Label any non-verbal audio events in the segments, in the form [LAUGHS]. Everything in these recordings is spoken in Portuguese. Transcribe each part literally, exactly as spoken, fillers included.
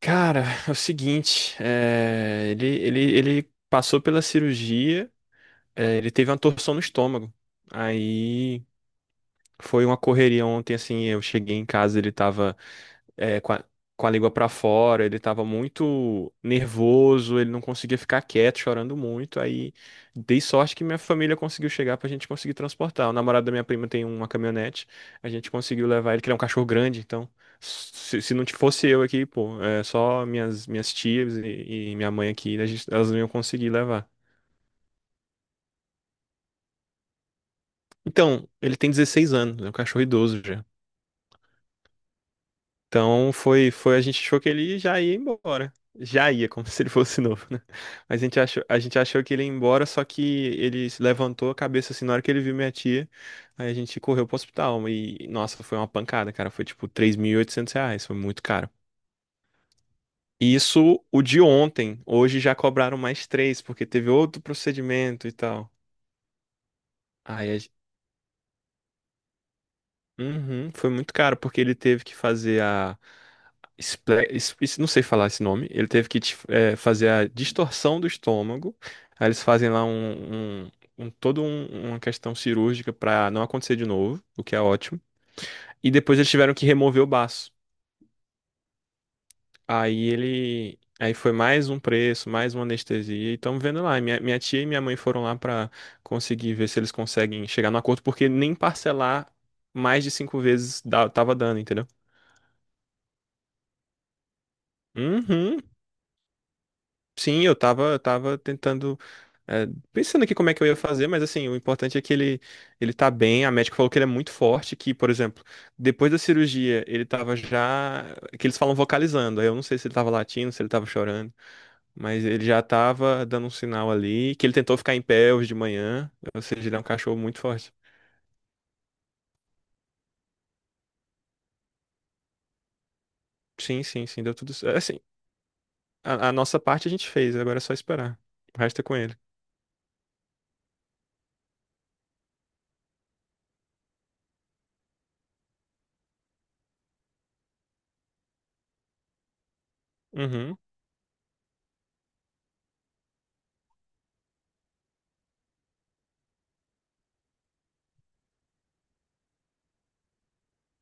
Cara, é o seguinte, é, ele, ele, ele passou pela cirurgia, é, ele teve uma torção no estômago. Aí foi uma correria ontem, assim, eu cheguei em casa, ele tava é, com a, com a língua pra fora, ele tava muito nervoso, ele não conseguia ficar quieto, chorando muito. Aí dei sorte que minha família conseguiu chegar pra gente conseguir transportar. O namorado da minha prima tem uma caminhonete, a gente conseguiu levar ele, que ele é um cachorro grande, então se, se não fosse eu aqui, pô, é, só minhas, minhas tias e, e minha mãe aqui, a gente- elas não iam conseguir levar. Então, ele tem dezesseis anos, é um cachorro idoso já. Então foi, foi, a gente achou que ele já ia embora. Já ia, como [LAUGHS] se ele fosse [LAUGHS] novo, né? Mas a gente achou, a gente achou que ele ia embora, só que ele se levantou a cabeça assim na hora que ele viu minha tia. Aí a gente correu pro hospital. E, nossa, foi uma pancada, cara. Foi tipo três mil e oitocentos reais, foi muito caro. E isso o de ontem. Hoje já cobraram mais três, porque teve outro procedimento e tal. Aí a Uhum, foi muito caro, porque ele teve que fazer a. esple- es- es- Não sei falar esse nome. Ele teve que dif- eh, fazer a distorção do estômago. Aí eles fazem lá um, um, um- todo um- uma questão cirúrgica pra não acontecer de novo, o que é ótimo. E depois eles tiveram que remover o baço. Aí ele. Aí foi mais um preço, mais uma anestesia. E estamos vendo lá. Minha, minha tia e minha mãe foram lá pra conseguir ver se eles conseguem chegar no acordo, porque nem parcelar mais de cinco vezes dá- tava dando, entendeu? Uhum. Sim, eu tava, eu tava tentando, é, pensando aqui como é que eu ia fazer, mas assim, o importante é que ele, ele tá bem, a médica falou que ele é muito forte, que, por exemplo, depois da cirurgia, ele tava já, que eles falam vocalizando, aí eu não sei se ele tava latindo, se ele tava chorando, mas ele já tava dando um sinal ali, que ele tentou ficar em pé hoje de manhã, ou seja, ele é um cachorro muito forte. Sim, sim, sim, deu tudo certo. Assim, a, a nossa parte a gente fez, agora é só esperar. O resto é com ele. Uhum,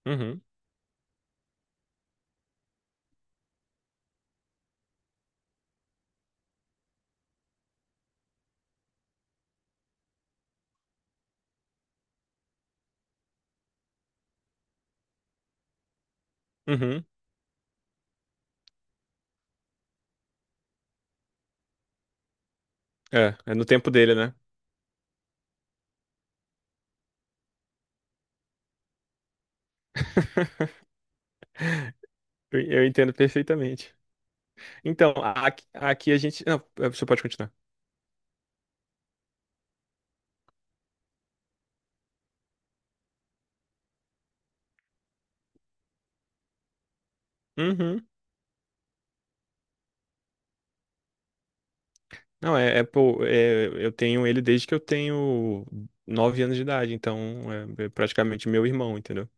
uhum, uhum. É, é no tempo dele, né? Eu, eu entendo perfeitamente. Então, a- aqui, aqui a gente. Não, é, você pode continuar. Uhum. Não, é, é, pô, é, eu tenho ele desde que eu tenho nove anos de idade, então é, é praticamente meu irmão, entendeu?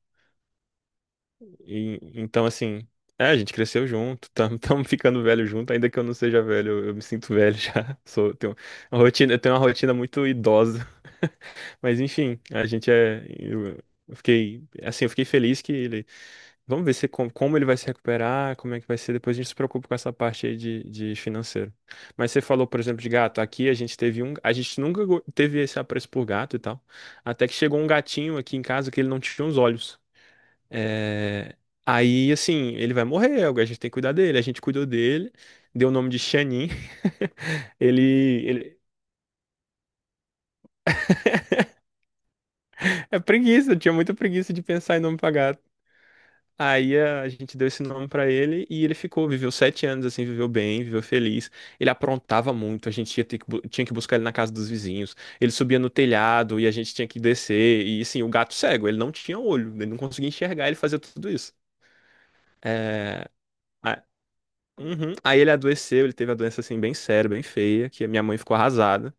E- então, assim, é, a gente cresceu junto, estamos [LAUGHS] ficando velho junto, ainda que eu não seja velho, eu, eu me sinto velho já. [LAUGHS] Sou, tenho uma rotina, eu tenho uma rotina muito idosa. [LAUGHS] Mas enfim, a gente é. Eu, eu fiquei. Assim, eu fiquei feliz que ele vamos ver se com- como ele vai se recuperar, como é que vai ser. Depois a gente se preocupa com essa parte aí de, de financeiro. Mas você falou, por exemplo, de gato. Aqui a gente teve um. A gente nunca go- teve esse apreço por gato e tal. Até que chegou um gatinho aqui em casa que ele não tinha os olhos. É, aí, assim, ele vai morrer. A gente tem que cuidar dele. A gente cuidou dele, deu o nome de Xanin. [LAUGHS] Ele, ele. É preguiça, eu tinha muita preguiça de pensar em nome pra gato. Aí a a gente deu esse nome pra ele e ele ficou, viveu sete anos assim, viveu bem, viveu feliz. Ele aprontava muito, a gente ia ter que, bu- tinha que buscar ele na casa dos vizinhos. Ele subia no telhado e a gente tinha que descer. E assim, o gato cego, ele não tinha olho, ele não conseguia enxergar, ele fazia tudo isso. É, a- uhum. Aí ele adoeceu, ele teve a doença assim bem séria, bem feia, que a minha mãe ficou arrasada,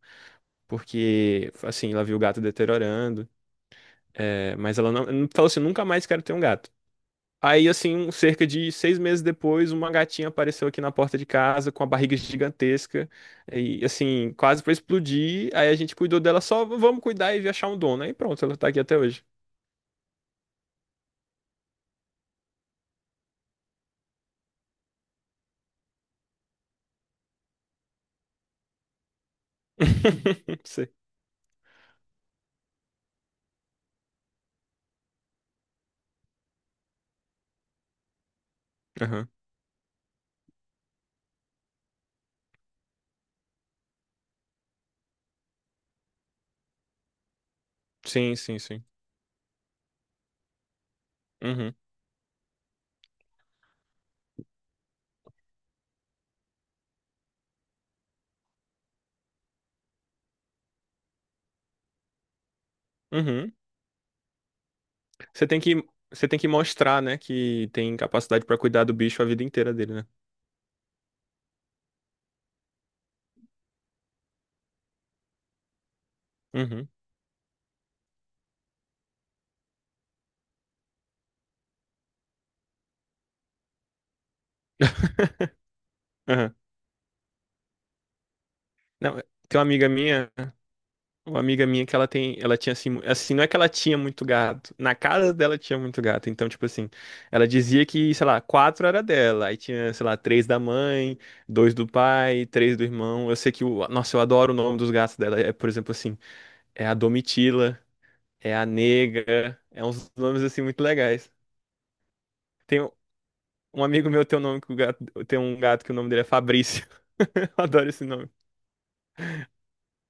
porque assim, ela viu o gato deteriorando. É, mas ela não, não falou assim, nunca mais quero ter um gato. Aí, assim, cerca de seis meses depois, uma gatinha apareceu aqui na porta de casa com a barriga gigantesca e, assim, quase pra explodir. Aí a gente cuidou dela só, vamos cuidar e achar um dono. Aí pronto, ela tá aqui até hoje. [LAUGHS] Sei. Aham. Sim, sim, sim. Uhum. Uhum. Você tem que, você tem que mostrar, né, que tem capacidade pra cuidar do bicho a vida inteira dele, né? Uhum. Aham. Não, tem uma amiga minha. Uma amiga minha que ela tem, ela tinha assim, mu- assim, não é que ela tinha muito gato, na casa dela tinha muito gato, então, tipo assim, ela dizia que, sei lá, quatro era dela, aí tinha, sei lá, três da mãe, dois do pai, três do irmão, eu sei que, o, nossa, eu adoro o nome dos gatos dela, é, por exemplo, assim, é a Domitila, é a Negra, é uns nomes, assim, muito legais. Tem um um amigo meu tem um nome que o gato, tem um gato que o nome dele é Fabrício, [LAUGHS] eu adoro esse nome.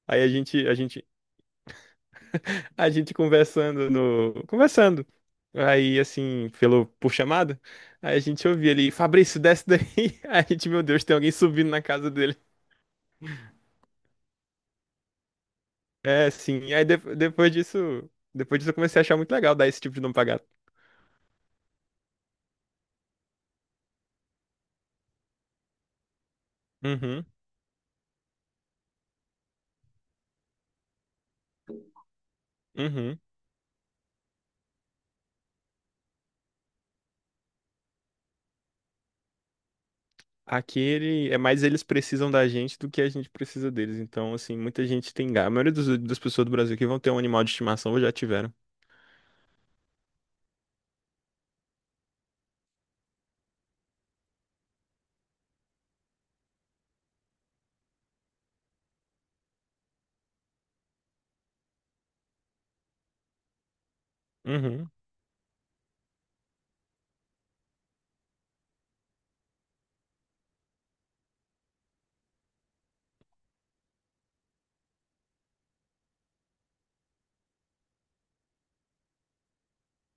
Aí a gente, a gente A gente conversando no. Conversando. Aí, assim, pelo... por chamada. Aí a gente ouvia ele, Fabrício, desce daí. [LAUGHS] Aí a gente, meu Deus, tem alguém subindo na casa dele. É, sim. Aí de- depois disso. Depois disso eu comecei a achar muito legal dar esse tipo de nome pra gato. Uhum, uhum. Aqui ele, é mais eles precisam da gente do que a gente precisa deles. Então, assim, muita gente tem gato. A maioria dos- das pessoas do Brasil que vão ter um animal de estimação ou já tiveram. Uhum,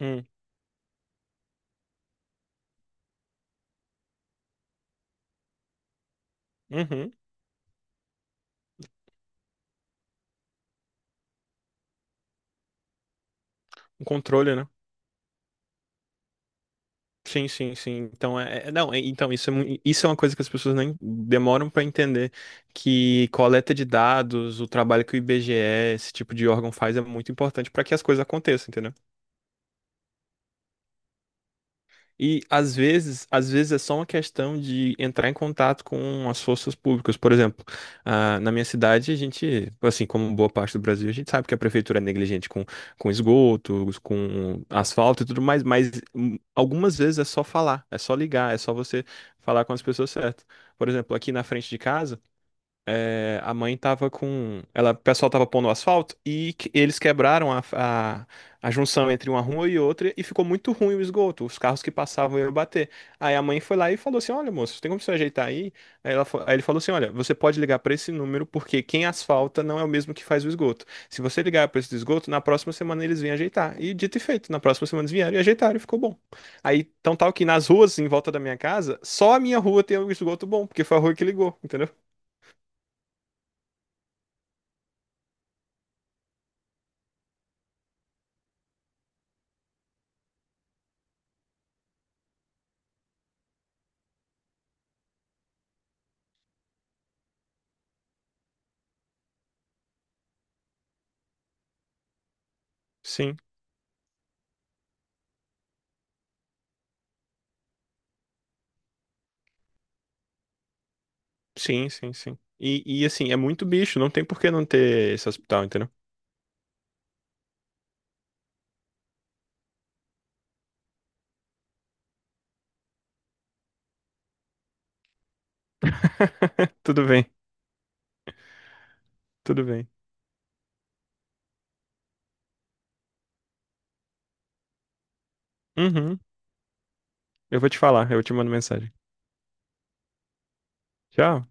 uhum, uhum. Um controle, né? Sim, sim, sim. Então, é, é- não, é- então isso é, mui- isso é uma coisa que as pessoas nem demoram para entender que coleta de dados, o trabalho que o IBGE, esse tipo de órgão faz é muito importante para que as coisas aconteçam, entendeu? E às vezes, às vezes é só uma questão de entrar em contato com as forças públicas. Por exemplo, ah, na minha cidade, a gente, assim como boa parte do Brasil, a gente sabe que a prefeitura é negligente com, com esgoto, com asfalto e tudo mais, mas hum, algumas vezes é só falar, é só ligar, é só você falar com as pessoas certas. Por exemplo, aqui na frente de casa é, a mãe tava com. Ela, o pessoal tava pondo asfalto e que- eles quebraram a, a, a junção entre uma rua e outra e ficou muito ruim o esgoto. Os carros que passavam iam bater. Aí a mãe foi lá e falou assim: Olha, moço, tem como você ajeitar aí? Aí, ela, fa- aí ele falou assim: Olha, você pode ligar pra esse número porque quem asfalta não é o mesmo que faz o esgoto. Se você ligar pra esse do esgoto, na próxima semana eles vêm ajeitar. E dito e feito, na próxima semana eles vieram e ajeitaram e ficou bom. Aí, então tal que nas ruas em volta da minha casa, só a minha rua tem o esgoto bom, porque foi a rua que ligou, entendeu? Sim. Sim, sim, sim. E, e assim, é muito bicho, não tem por que não ter esse hospital, entendeu? Tudo bem, tudo bem. Uhum, eu vou te falar, eu te mando mensagem. Tchau.